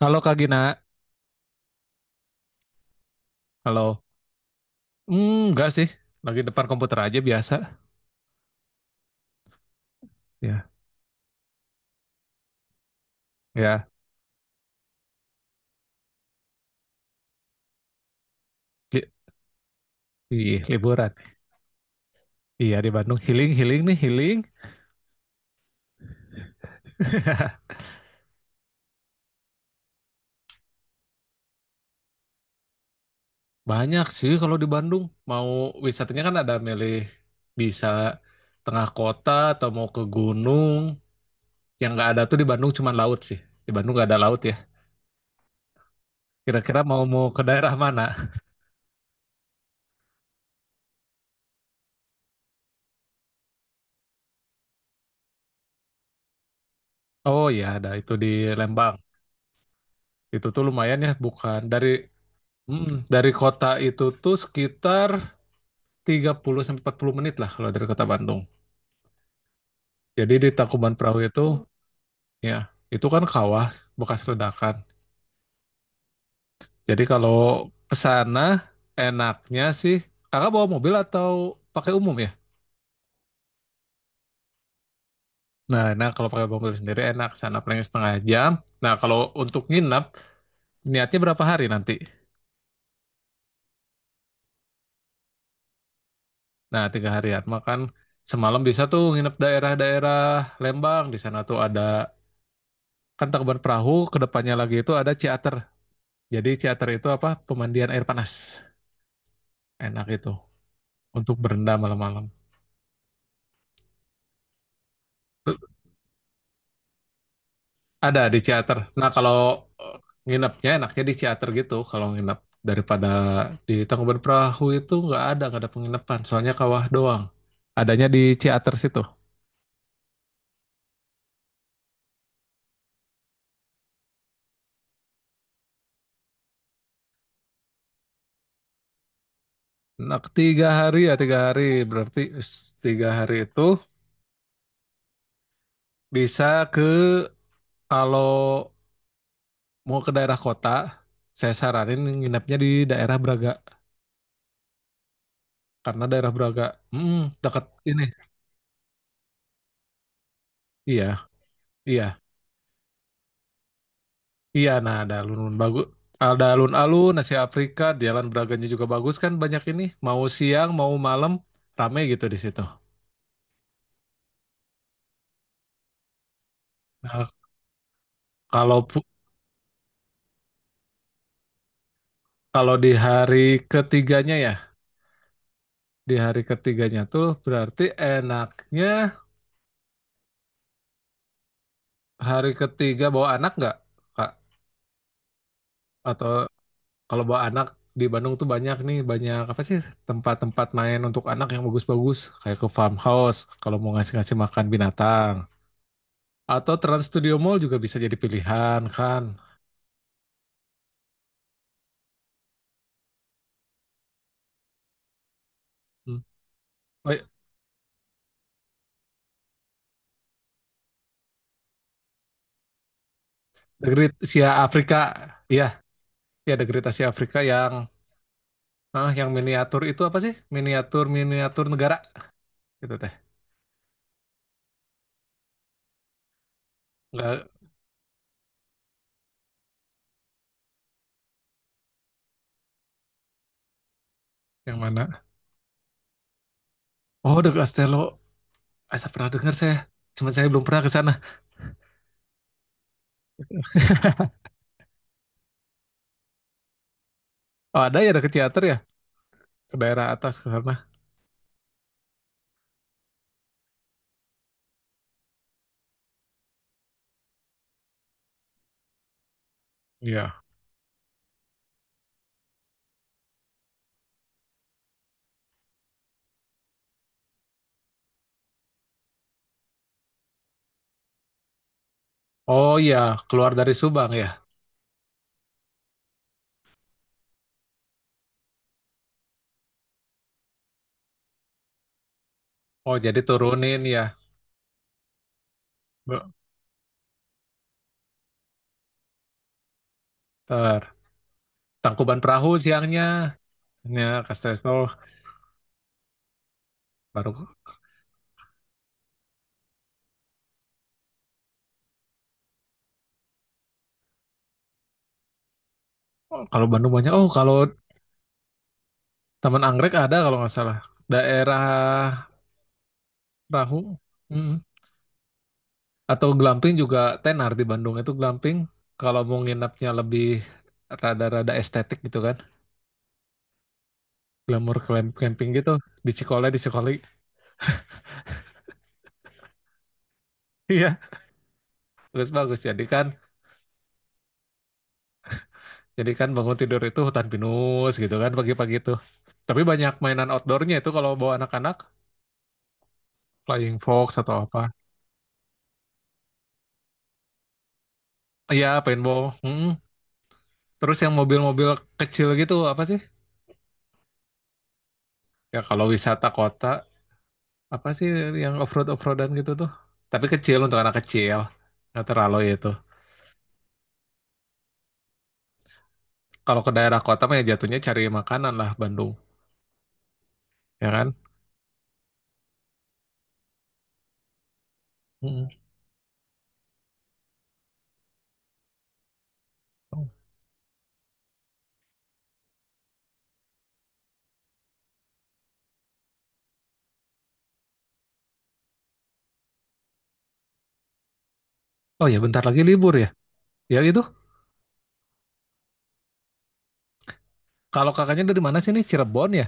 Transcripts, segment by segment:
Halo Kak Gina, halo. Enggak sih, lagi depan komputer aja biasa. Ya, ya. Li- Ih, liburan. Iya di Bandung healing healing nih healing. Banyak sih kalau di Bandung. Mau wisatanya kan ada milih bisa tengah kota atau mau ke gunung. Yang nggak ada tuh di Bandung cuma laut sih. Di Bandung nggak ada laut ya. Kira-kira mau mau ke daerah mana? Oh ya ada itu di Lembang. Itu tuh lumayan ya, bukan dari kota itu tuh sekitar 30 sampai 40 menit lah kalau dari kota Bandung. Jadi di Tangkuban Perahu itu ya itu kan kawah bekas ledakan. Jadi kalau ke sana enaknya sih kakak bawa mobil atau pakai umum ya? Nah, kalau pakai mobil sendiri enak sana paling setengah jam. Nah, kalau untuk nginep niatnya berapa hari nanti? Nah, tiga harian. Makan semalam bisa tuh nginep daerah-daerah Lembang. Di sana tuh ada kan Tangkuban Perahu, kedepannya lagi itu ada Ciater. Jadi Ciater itu apa? Pemandian air panas. Enak itu untuk berendam malam-malam. Ada di Ciater. Nah, kalau eh, nginepnya enaknya di Ciater gitu. Kalau nginep daripada di Tangkuban Perahu itu nggak ada penginapan. Soalnya kawah doang. Adanya di Ciater situ. Nah, tiga hari ya tiga hari. Berarti tiga hari itu bisa ke kalau mau ke daerah kota, saya saranin nginepnya di daerah Braga karena daerah Braga, mm, dekat ini. Iya, iya. Iya, nah ada alun-alun bagus, ada alun-alun, nasi Afrika, jalan Braganya juga bagus kan banyak ini. Mau siang, mau malam, rame gitu di situ. Nah, kalau kalau di hari ketiganya ya, di hari ketiganya tuh berarti enaknya hari ketiga bawa anak nggak, Kak? Atau kalau bawa anak di Bandung tuh banyak nih, banyak apa sih tempat-tempat main untuk anak yang bagus-bagus, kayak ke farmhouse kalau mau ngasih-ngasih makan binatang. Atau Trans Studio Mall juga bisa jadi pilihan kan. Hmm. Oh, iya. The Great Asia Afrika. Iya, ya The Great Asia Afrika yang miniatur itu apa sih? Miniatur miniatur negara gitu teh. Enggak yang mana? Oh, The Castello. Ah, saya pernah dengar saya. Cuma saya belum pernah ke sana. Oh, ada ya ada ke teater ya? Ke daerah atas ke sana. Iya. Oh iya, keluar dari Subang ya. Oh, jadi turunin ya. Be- Ter Tangkuban Perahu siangnya. Ya, Castello baru. Oh, kalau Bandung banyak. Oh, kalau Taman Anggrek ada kalau nggak salah. Daerah Rahu Mm. Atau Glamping juga tenar di Bandung itu Glamping. Kalau mau nginapnya lebih rada-rada estetik gitu kan, glamour camping gitu di Cikole di Cikole. Iya, bagus-bagus. Jadi kan, bangun tidur itu hutan pinus gitu kan pagi-pagi itu. Tapi banyak mainan outdoornya itu kalau bawa anak-anak, flying fox atau apa. Iya, paintball. Mm. Terus yang mobil-mobil kecil gitu apa sih? Ya kalau wisata kota. Apa sih yang offroad offroadan gitu tuh? Tapi kecil untuk anak kecil. Nggak terlalu itu. Kalau ke daerah kota mah ya jatuhnya cari makanan lah Bandung, ya kan? Mm-mm. Oh Oh, ya bentar lagi libur ya. Ya itu. Kalau kakaknya dari mana sih nih? Cirebon ya?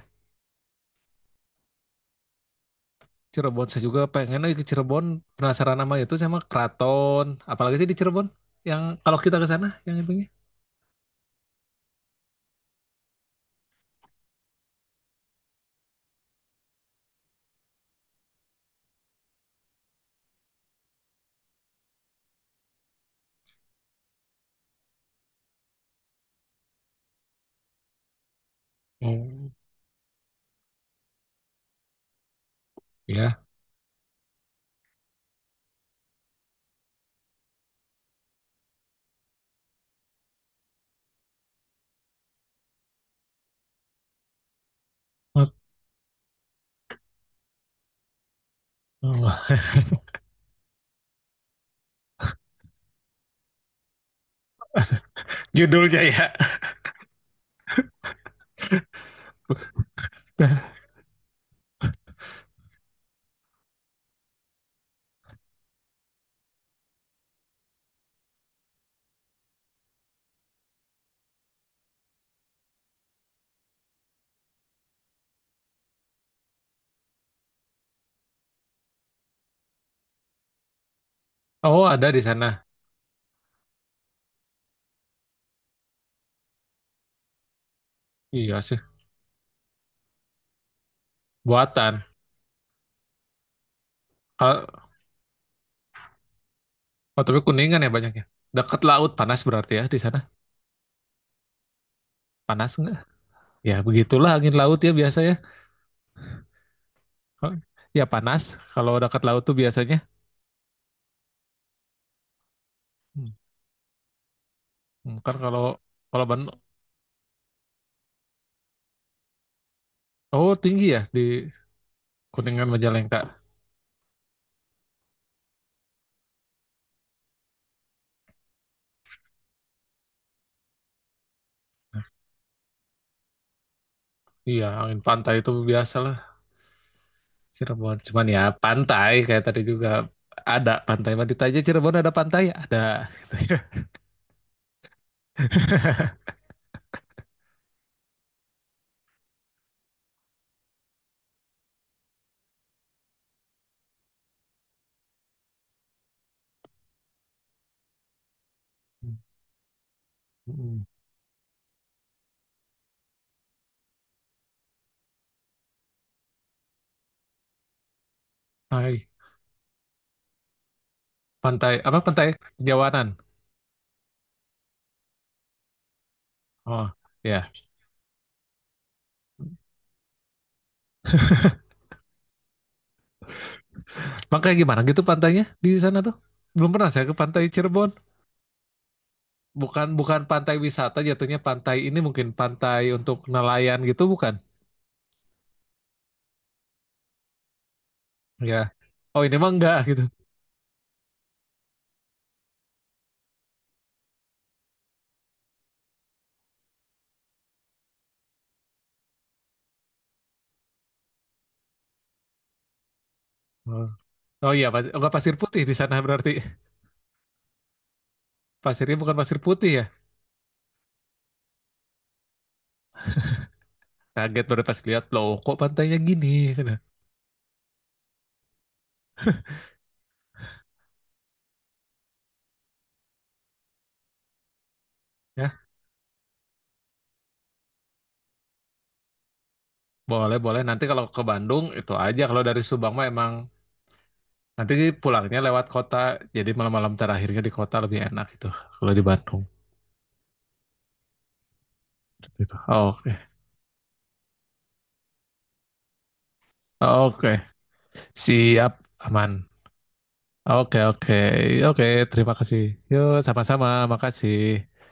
Cirebon saya juga pengen lagi ke Cirebon. Penasaran sama itu sama Keraton. Apalagi sih di Cirebon? Yang kalau kita ke sana yang itunya. Hmm, ya. Oh, judulnya ya. Oh, ada di sana. Iya sih. Buatan. Kalau Oh, tapi Kuningan ya banyaknya. Dekat laut panas berarti ya di sana. Panas nggak? Ya begitulah angin laut ya biasanya. Kalau- Ya panas kalau dekat laut tuh biasanya. Hmm. Kan kalau kalau ban oh, tinggi ya di Kuningan Majalengka. Iya, angin pantai itu biasalah Cirebon. Cuman ya pantai kayak tadi juga ada pantai. Mau ditanya Cirebon ada pantai? Ada gitu ya. Hmm. Hmm. Hai. Pantai apa pantai Jawanan? Oh, ya. Makanya gimana gitu pantainya di sana tuh? Belum pernah saya ke pantai Cirebon. Bukan bukan pantai wisata jatuhnya pantai ini mungkin pantai untuk nelayan gitu bukan? Ya. Oh ini mah enggak gitu. Oh, Oh, iya, enggak pasir putih di sana berarti. Pasirnya bukan pasir putih ya. Kaget baru pas lihat loh kok pantainya gini sana. Ya, boleh boleh nanti kalau ke Bandung itu aja kalau dari Subang mah emang nanti pulangnya lewat kota. Jadi malam-malam terakhirnya di kota lebih enak itu kalau di Bandung. Gitu. Oke. Oke. Siap, aman. Oke, oke, oke. Terima kasih. Yuk sama-sama. Makasih.